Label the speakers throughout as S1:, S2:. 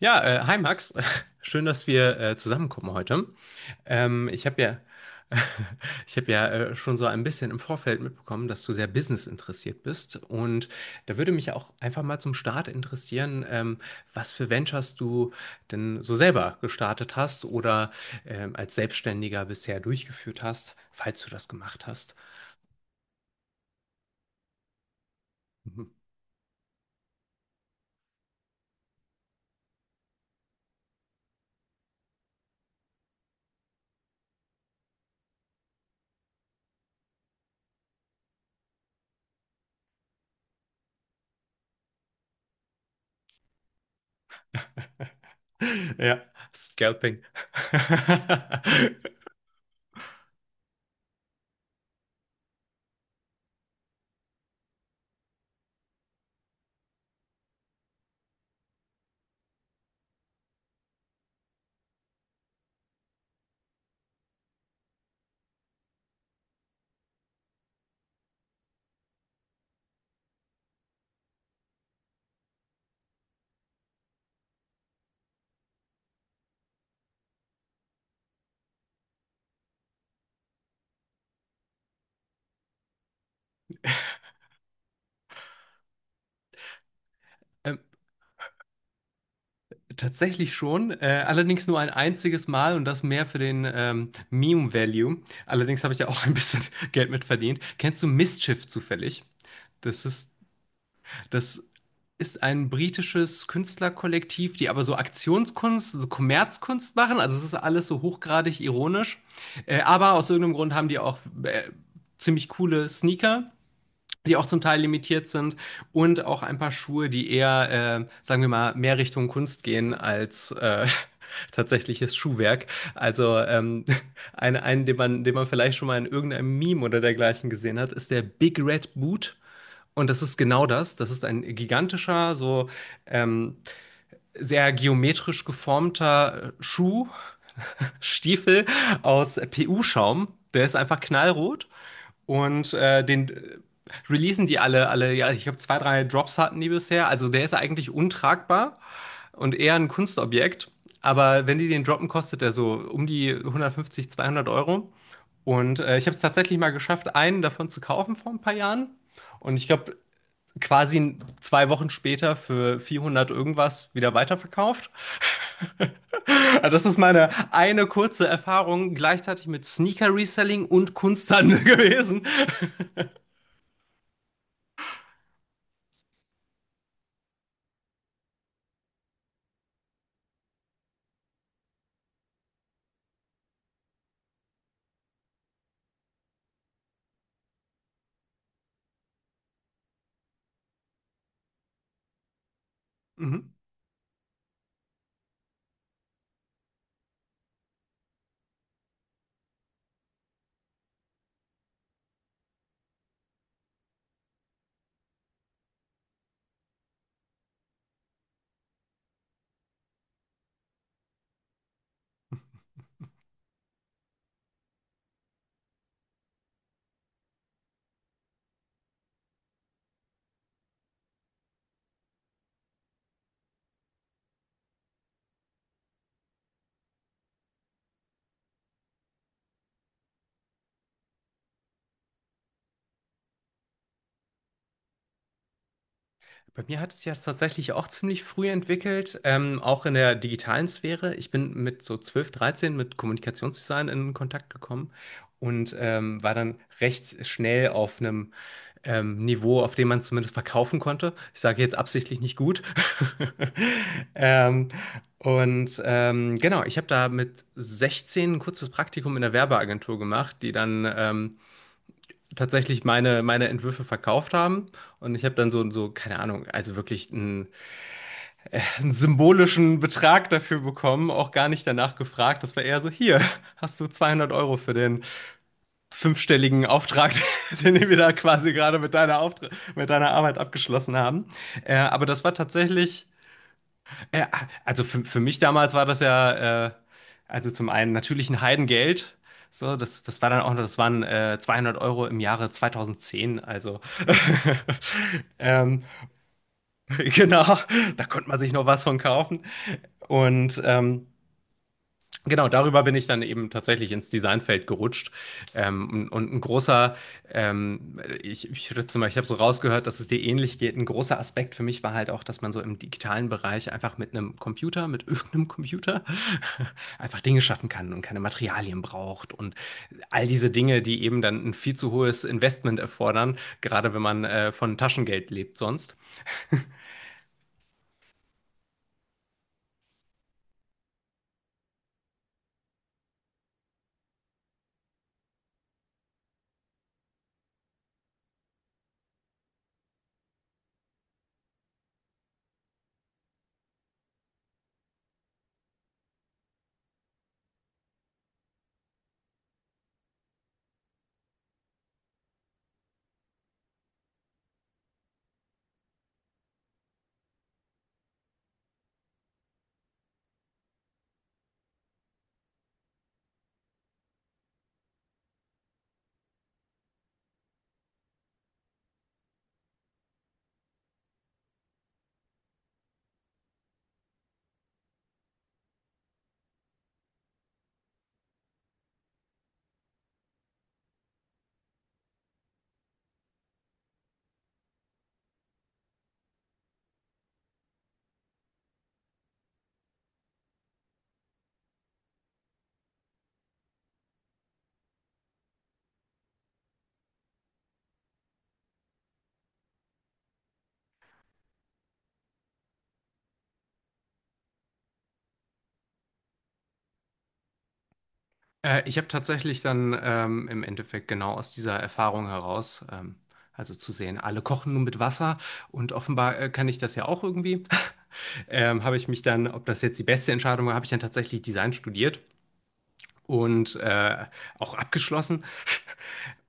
S1: Ja, hi Max, schön, dass wir zusammenkommen heute. Ich habe ja, ich habe ja schon so ein bisschen im Vorfeld mitbekommen, dass du sehr Business interessiert bist, und da würde mich auch einfach mal zum Start interessieren, was für Ventures du denn so selber gestartet hast oder als Selbstständiger bisher durchgeführt hast, falls du das gemacht hast. Ja, Scalping. Ähm, Tatsächlich schon, allerdings nur ein einziges Mal, und das mehr für den Meme-Value. Allerdings habe ich ja auch ein bisschen Geld mit verdient. Kennst du Mischief zufällig? Das ist, das ist ein britisches Künstlerkollektiv, die aber so Aktionskunst, so Kommerzkunst machen. Also es ist alles so hochgradig ironisch. Aber aus irgendeinem Grund haben die auch ziemlich coole Sneaker, die auch zum Teil limitiert sind, und auch ein paar Schuhe, die eher, sagen wir mal, mehr Richtung Kunst gehen als tatsächliches Schuhwerk. Also ein, einen, den man vielleicht schon mal in irgendeinem Meme oder dergleichen gesehen hat, ist der Big Red Boot. Und das ist genau das. Das ist ein gigantischer, so ähm, sehr geometrisch geformter Schuh, Stiefel aus PU-Schaum. Der ist einfach knallrot. Und den releasen die ja, ich glaube, zwei, drei Drops hatten die bisher. Also der ist eigentlich untragbar und eher ein Kunstobjekt. Aber wenn die den droppen, kostet der so um die 150, 200€. Und ich habe es tatsächlich mal geschafft, einen davon zu kaufen vor ein paar Jahren. Und ich glaube, quasi zwei Wochen später für 400 irgendwas wieder weiterverkauft. Das ist meine eine kurze Erfahrung gleichzeitig mit Sneaker-Reselling und Kunsthandel gewesen. Mhm. Bei mir hat es sich ja tatsächlich auch ziemlich früh entwickelt, auch in der digitalen Sphäre. Ich bin mit so 12, 13 mit Kommunikationsdesign in Kontakt gekommen und war dann recht schnell auf einem Niveau, auf dem man zumindest verkaufen konnte. Ich sage jetzt absichtlich nicht gut. Ähm, genau, ich habe da mit 16 ein kurzes Praktikum in der Werbeagentur gemacht, die dann tatsächlich meine Entwürfe verkauft haben. Und ich habe dann keine Ahnung, also wirklich einen symbolischen Betrag dafür bekommen, auch gar nicht danach gefragt. Das war eher so, hier, hast du 200€ für den fünfstelligen Auftrag, den wir da quasi gerade mit deiner, Auftra mit deiner Arbeit abgeschlossen haben. Aber das war tatsächlich äh, für mich damals war das ja, also zum einen natürlich ein Heidengeld. So, das war dann auch noch, das waren 200€ im Jahre 2010. Also, ähm, genau, da konnte man sich noch was von kaufen. Und genau, darüber bin ich dann eben tatsächlich ins Designfeld gerutscht. Und ein großer, ich würde zum Beispiel, ich habe so rausgehört, dass es dir ähnlich geht. Ein großer Aspekt für mich war halt auch, dass man so im digitalen Bereich einfach mit einem Computer, mit irgendeinem Computer, einfach Dinge schaffen kann und keine Materialien braucht und all diese Dinge, die eben dann ein viel zu hohes Investment erfordern, gerade wenn man von Taschengeld lebt sonst. Ich habe tatsächlich dann im Endeffekt genau aus dieser Erfahrung heraus, also zu sehen, alle kochen nur mit Wasser und offenbar kann ich das ja auch irgendwie, habe ich mich dann, ob das jetzt die beste Entscheidung war, habe ich dann tatsächlich Design studiert und auch abgeschlossen.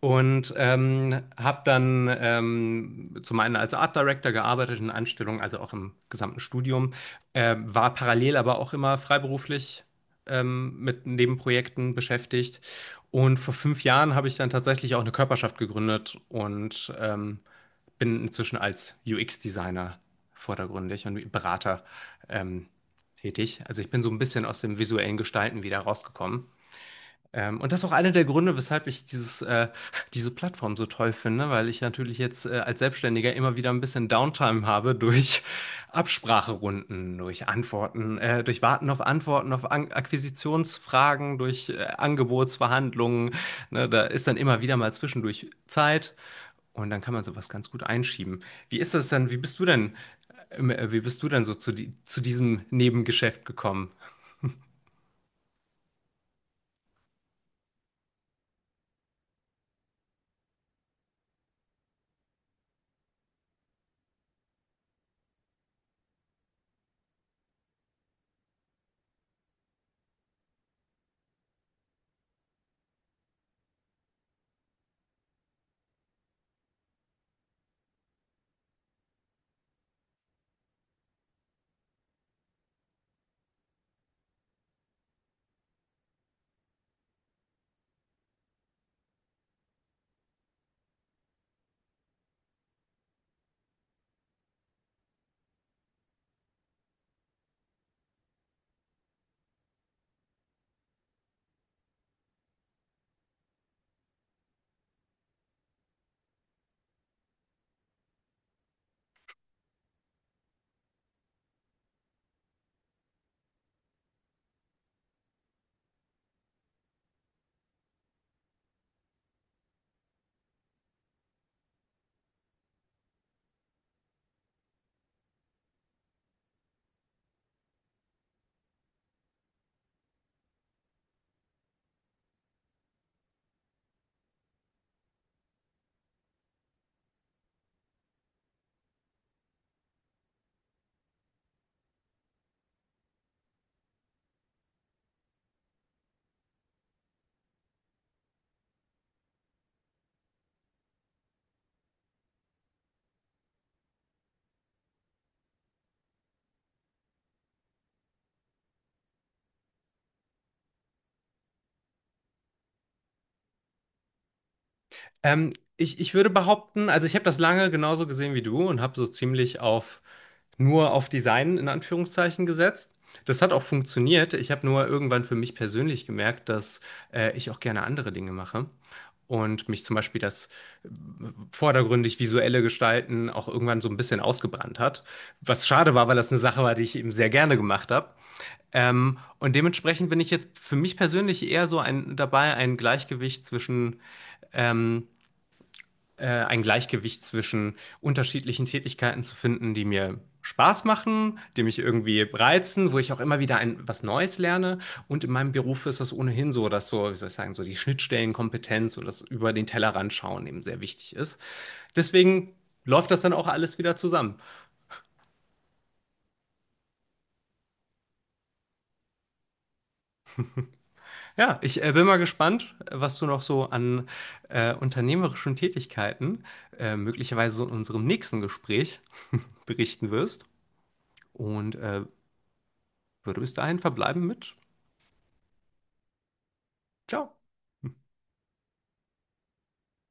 S1: Und habe dann zum einen als Art Director gearbeitet in Anstellung, also auch im gesamten Studium, war parallel aber auch immer freiberuflich mit Nebenprojekten beschäftigt. Und vor 5 Jahren habe ich dann tatsächlich auch eine Körperschaft gegründet und bin inzwischen als UX-Designer vordergründig und Berater ähm, tätig. Also ich bin so ein bisschen aus dem visuellen Gestalten wieder rausgekommen. Und das ist auch einer der Gründe, weshalb ich diese Plattform so toll finde, weil ich natürlich jetzt als Selbstständiger immer wieder ein bisschen Downtime habe durch Abspracherunden, durch Antworten, durch Warten auf Antworten, auf An Akquisitionsfragen, durch Angebotsverhandlungen. Ne, da ist dann immer wieder mal zwischendurch Zeit, und dann kann man sowas ganz gut einschieben. Wie ist das denn? Wie bist du denn so zu diesem Nebengeschäft gekommen? Ich würde behaupten, also ich habe das lange genauso gesehen wie du und habe so ziemlich auf nur auf Design in Anführungszeichen gesetzt. Das hat auch funktioniert. Ich habe nur irgendwann für mich persönlich gemerkt, dass ich auch gerne andere Dinge mache und mich zum Beispiel das vordergründig visuelle Gestalten auch irgendwann so ein bisschen ausgebrannt hat. Was schade war, weil das eine Sache war, die ich eben sehr gerne gemacht habe. Und dementsprechend bin ich jetzt für mich persönlich eher so ähm, ein Gleichgewicht zwischen unterschiedlichen Tätigkeiten zu finden, die mir Spaß machen, die mich irgendwie reizen, wo ich auch immer wieder was Neues lerne. Und in meinem Beruf ist das ohnehin so, dass so, wie soll ich sagen, so die Schnittstellenkompetenz oder das über den Tellerrand schauen eben sehr wichtig ist. Deswegen läuft das dann auch alles wieder zusammen. Ja, ich bin mal gespannt, was du noch so an unternehmerischen Tätigkeiten möglicherweise so in unserem nächsten Gespräch berichten wirst. Und würde bis dahin verbleiben mit Ciao.